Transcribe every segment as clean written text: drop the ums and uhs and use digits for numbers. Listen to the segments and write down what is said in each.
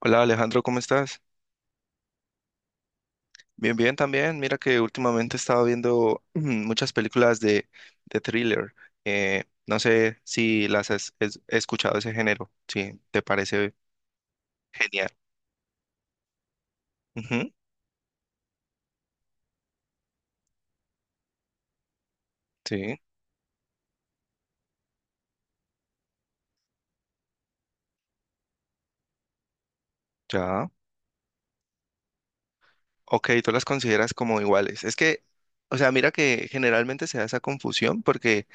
Hola Alejandro, ¿cómo estás? Bien, bien también. Mira que últimamente estaba viendo muchas películas de thriller. No sé si las has escuchado ese género, si te parece genial. Ujú, sí, ya. Ok, tú las consideras como iguales. Es que, o sea, mira que generalmente se da esa confusión porque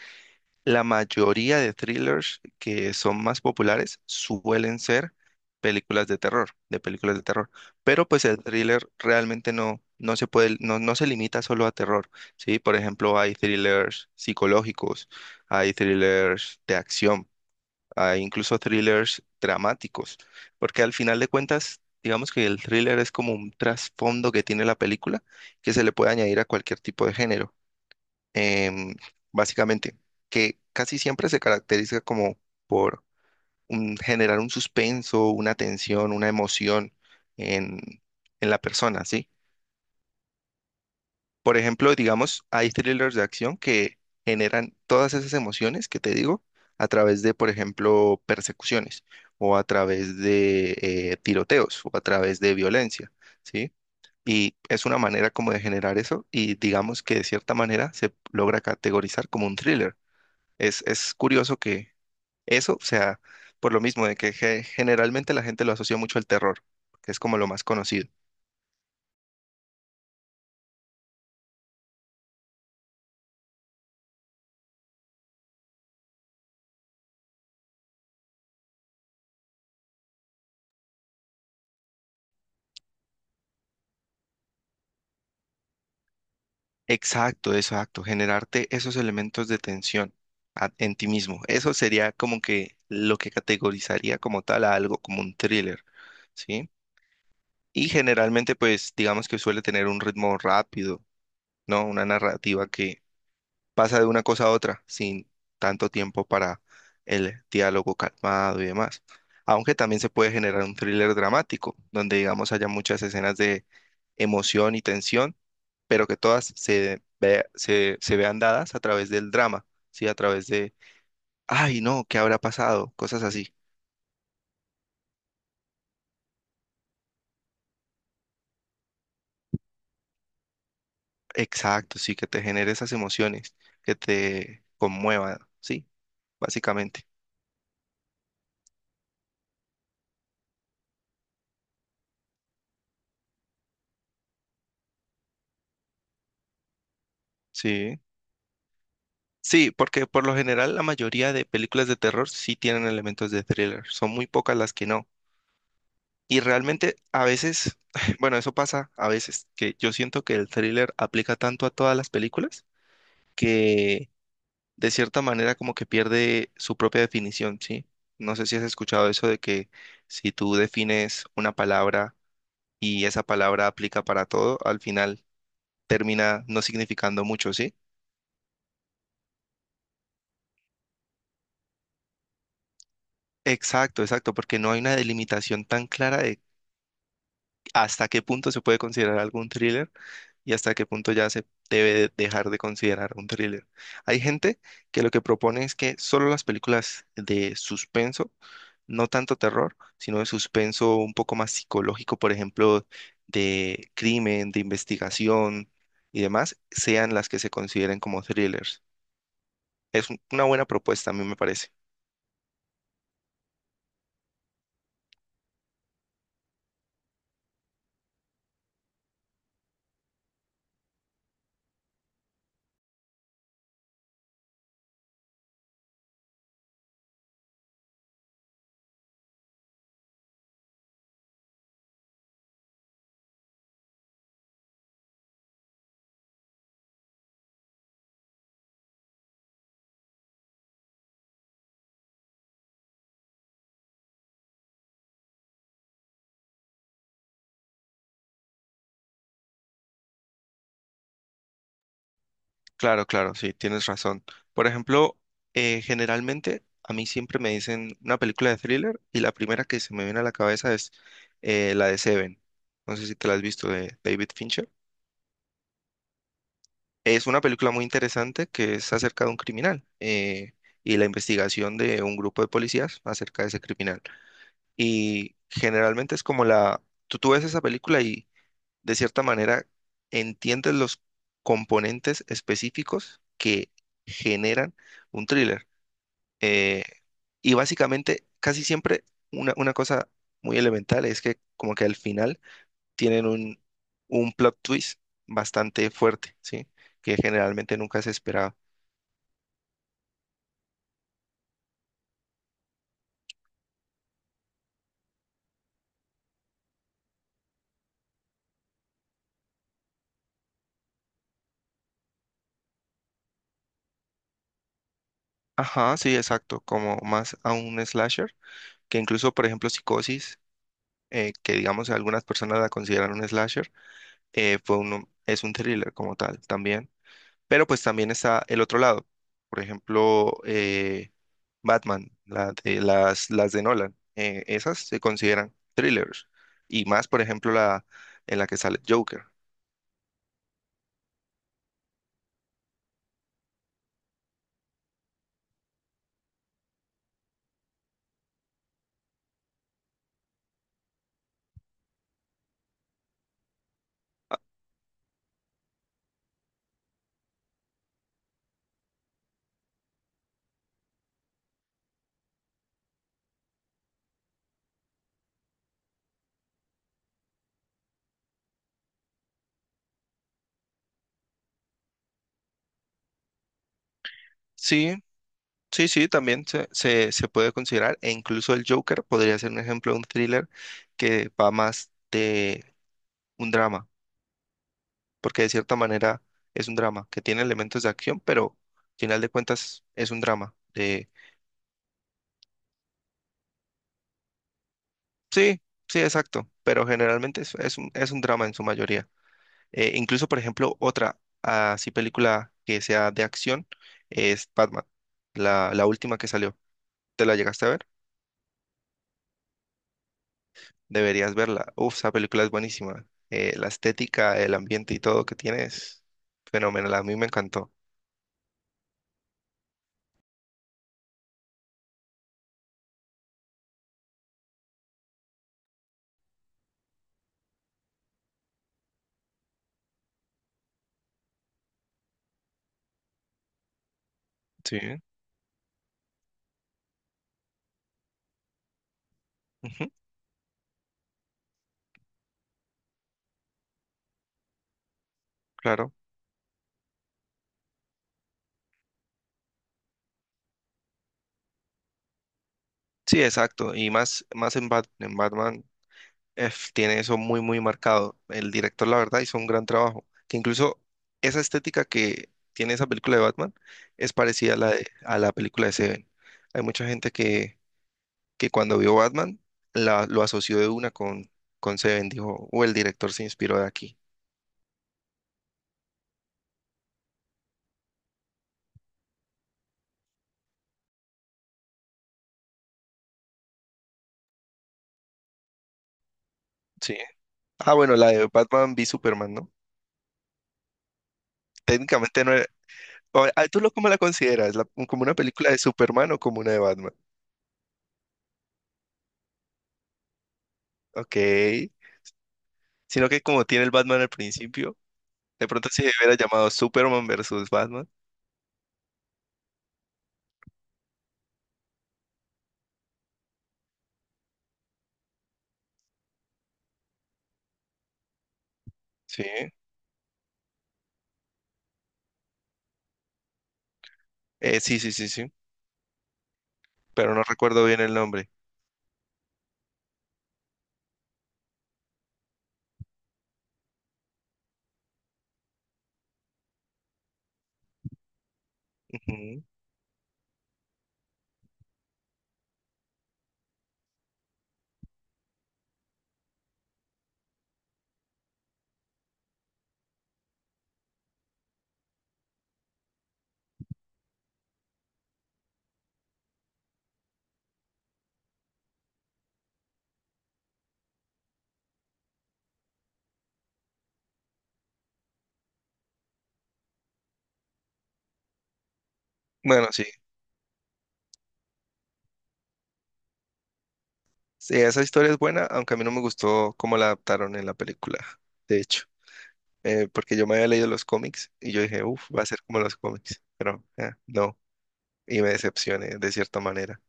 la mayoría de thrillers que son más populares suelen ser películas de terror, de películas de terror. Pero pues el thriller realmente no se puede, no se limita solo a terror, ¿sí? Por ejemplo, hay thrillers psicológicos, hay thrillers de acción, hay incluso thrillers dramáticos, porque al final de cuentas, digamos que el thriller es como un trasfondo que tiene la película que se le puede añadir a cualquier tipo de género, em, básicamente, que casi siempre se caracteriza como por generar un suspenso, una tensión, una emoción en, en la persona, ¿sí? Por ejemplo, digamos, hay thrillers de acción que generan todas esas emociones que te digo a través de, por ejemplo, persecuciones o a través de tiroteos o a través de violencia, ¿sí? Y es una manera como de generar eso y digamos que de cierta manera se logra categorizar como un thriller. Es curioso que eso, o sea, por lo mismo de que generalmente la gente lo asocia mucho al terror, que es como lo más conocido. Exacto, exacto, generarte esos elementos de tensión en ti mismo. Eso sería como que lo que categorizaría como tal a algo como un thriller, ¿sí? Y generalmente, pues, digamos que suele tener un ritmo rápido, ¿no? Una narrativa que pasa de una cosa a otra sin tanto tiempo para el diálogo calmado y demás. Aunque también se puede generar un thriller dramático, donde digamos haya muchas escenas de emoción y tensión, pero que todas se vean dadas a través del drama, ¿sí? A través de, ay, no, ¿qué habrá pasado? Cosas así. Exacto, sí, que te genere esas emociones, que te conmuevan, ¿sí? Básicamente, sí. Sí, porque por lo general la mayoría de películas de terror sí tienen elementos de thriller, son muy pocas las que no. Y realmente a veces, bueno, eso pasa a veces, que yo siento que el thriller aplica tanto a todas las películas que de cierta manera como que pierde su propia definición, ¿sí? No sé si has escuchado eso de que si tú defines una palabra y esa palabra aplica para todo, al final termina no significando mucho, ¿sí? Exacto, exacto, porque no hay una delimitación tan clara de hasta qué punto se puede considerar algún thriller y hasta qué punto ya se debe dejar de considerar un thriller. Hay gente que lo que propone es que solo las películas de suspenso, no tanto terror, sino de suspenso un poco más psicológico, por ejemplo, de crimen, de investigación y demás, sean las que se consideren como thrillers. Es una buena propuesta, a mí me parece. Claro, claro, sí, tienes razón. Por ejemplo, generalmente a mí siempre me dicen una película de thriller y la primera que se me viene a la cabeza es la de Seven. No sé si te la has visto de David Fincher. Es una película muy interesante que es acerca de un criminal, y la investigación de un grupo de policías acerca de ese criminal. Y generalmente es como la... Tú ves esa película y, de cierta manera, entiendes los componentes específicos que generan un thriller. Eh, y básicamente, casi siempre, una cosa muy elemental es que como que al final tienen un plot twist bastante fuerte, ¿sí? Que generalmente nunca se esperaba. Ajá, sí, exacto, como más a un slasher, que incluso, por ejemplo, Psicosis, que digamos algunas personas la consideran un slasher, fue uno, es un thriller como tal también. Pero pues también está el otro lado. Por ejemplo, Batman, las de Nolan. Esas se consideran thrillers. Y más, por ejemplo, la en la que sale Joker. Sí, sí, sí, también se puede considerar. E incluso el Joker podría ser un ejemplo de un thriller que va más de un drama. Porque de cierta manera es un drama que tiene elementos de acción, pero al final de cuentas es un drama. Sí, sí, exacto, pero generalmente es un drama en su mayoría. Incluso, por ejemplo, otra así película que sea de acción es Batman, la última que salió. ¿Te la llegaste a ver? Deberías verla. Uf, esa película es buenísima. La estética, el ambiente y todo que tiene es fenomenal. A mí me encantó. Sí, ujú, claro. Sí, exacto. Y más, más en Batman. Tiene eso muy, muy marcado. El director, la verdad, hizo un gran trabajo. Que incluso esa estética que tiene esa película de Batman es parecida a la de, a la película de Seven. Hay mucha gente que cuando vio Batman lo asoció de una con Seven. Dijo, o el director se inspiró de aquí. Sí. Ah, bueno, la de Batman v Superman, ¿no? Técnicamente no era... Ah, ¿tú lo cómo la consideras? ¿Como una película de Superman o como una de Batman? Ok. Sino que como tiene el Batman al principio. De pronto si hubiera llamado Superman versus Batman. Sí. Sí, sí, sí, sí. Pero no recuerdo bien el nombre. Ujú. Bueno, sí. Sí, esa historia es buena, aunque a mí no me gustó cómo la adaptaron en la película, de hecho. Porque yo me había leído los cómics y yo dije, uff, va a ser como los cómics. Pero no. Y me decepcioné de cierta manera.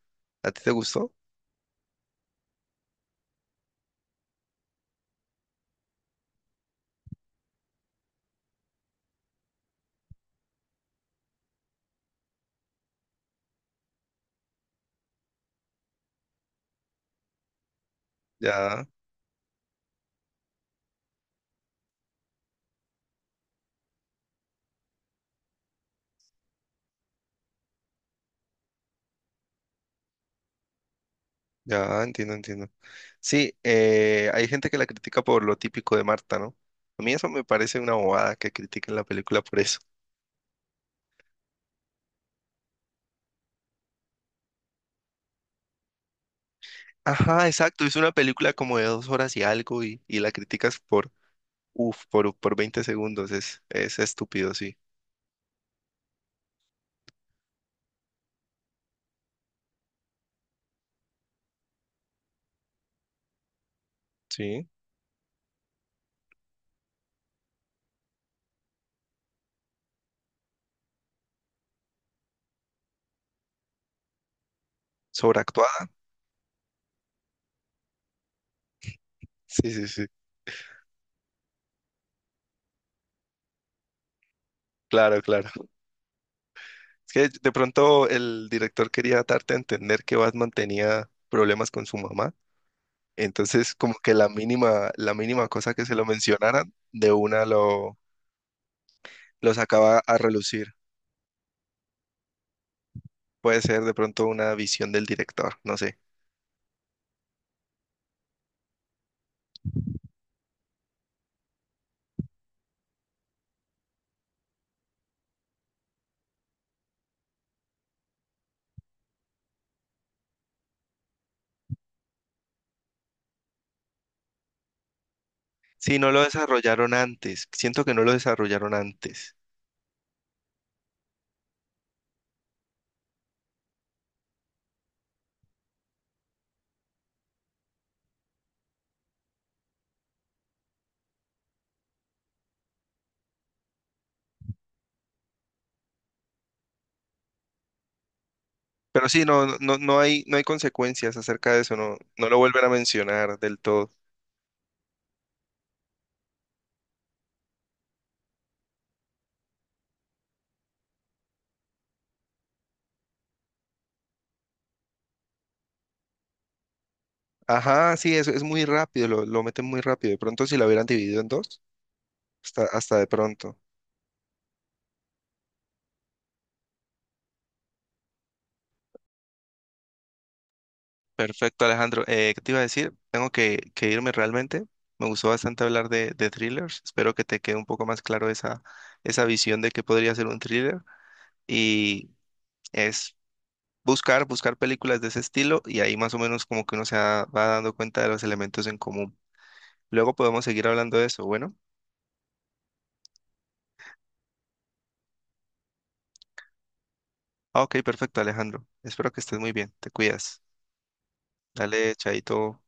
¿A ti te gustó? Ya, ya, entiendo, entiendo. Sí, hay gente que la critica por lo típico de Marta, ¿no? A mí eso me parece una bobada que critiquen la película por eso. Ajá, exacto. Es una película como de 2 horas y algo, y la criticas por, uf, por, 20 segundos. Es estúpido, sí. Sí. Sobreactuada. Sí, sí, sí. Claro, claro. Es que de pronto el director quería darte a entender que Batman tenía problemas con su mamá. Entonces, como que la mínima cosa que se lo mencionaran, de una lo sacaba a relucir. Puede ser de pronto una visión del director, no sé. Sí, no lo desarrollaron antes. Siento que no lo desarrollaron antes. Pero sí, no hay consecuencias acerca de eso, no lo vuelven a mencionar del todo. Ajá, sí, es muy rápido, lo meten muy rápido. De pronto si lo hubieran dividido en dos, hasta, hasta de pronto. Perfecto, Alejandro. ¿Qué te iba a decir? Tengo que irme realmente. Me gustó bastante hablar de thrillers. Espero que te quede un poco más claro esa visión de qué podría ser un thriller. Y es buscar, buscar películas de ese estilo y ahí más o menos como que uno se va dando cuenta de los elementos en común. Luego podemos seguir hablando de eso. Bueno. Ah, ok, perfecto, Alejandro. Espero que estés muy bien. Te cuidas. Dale, chaito.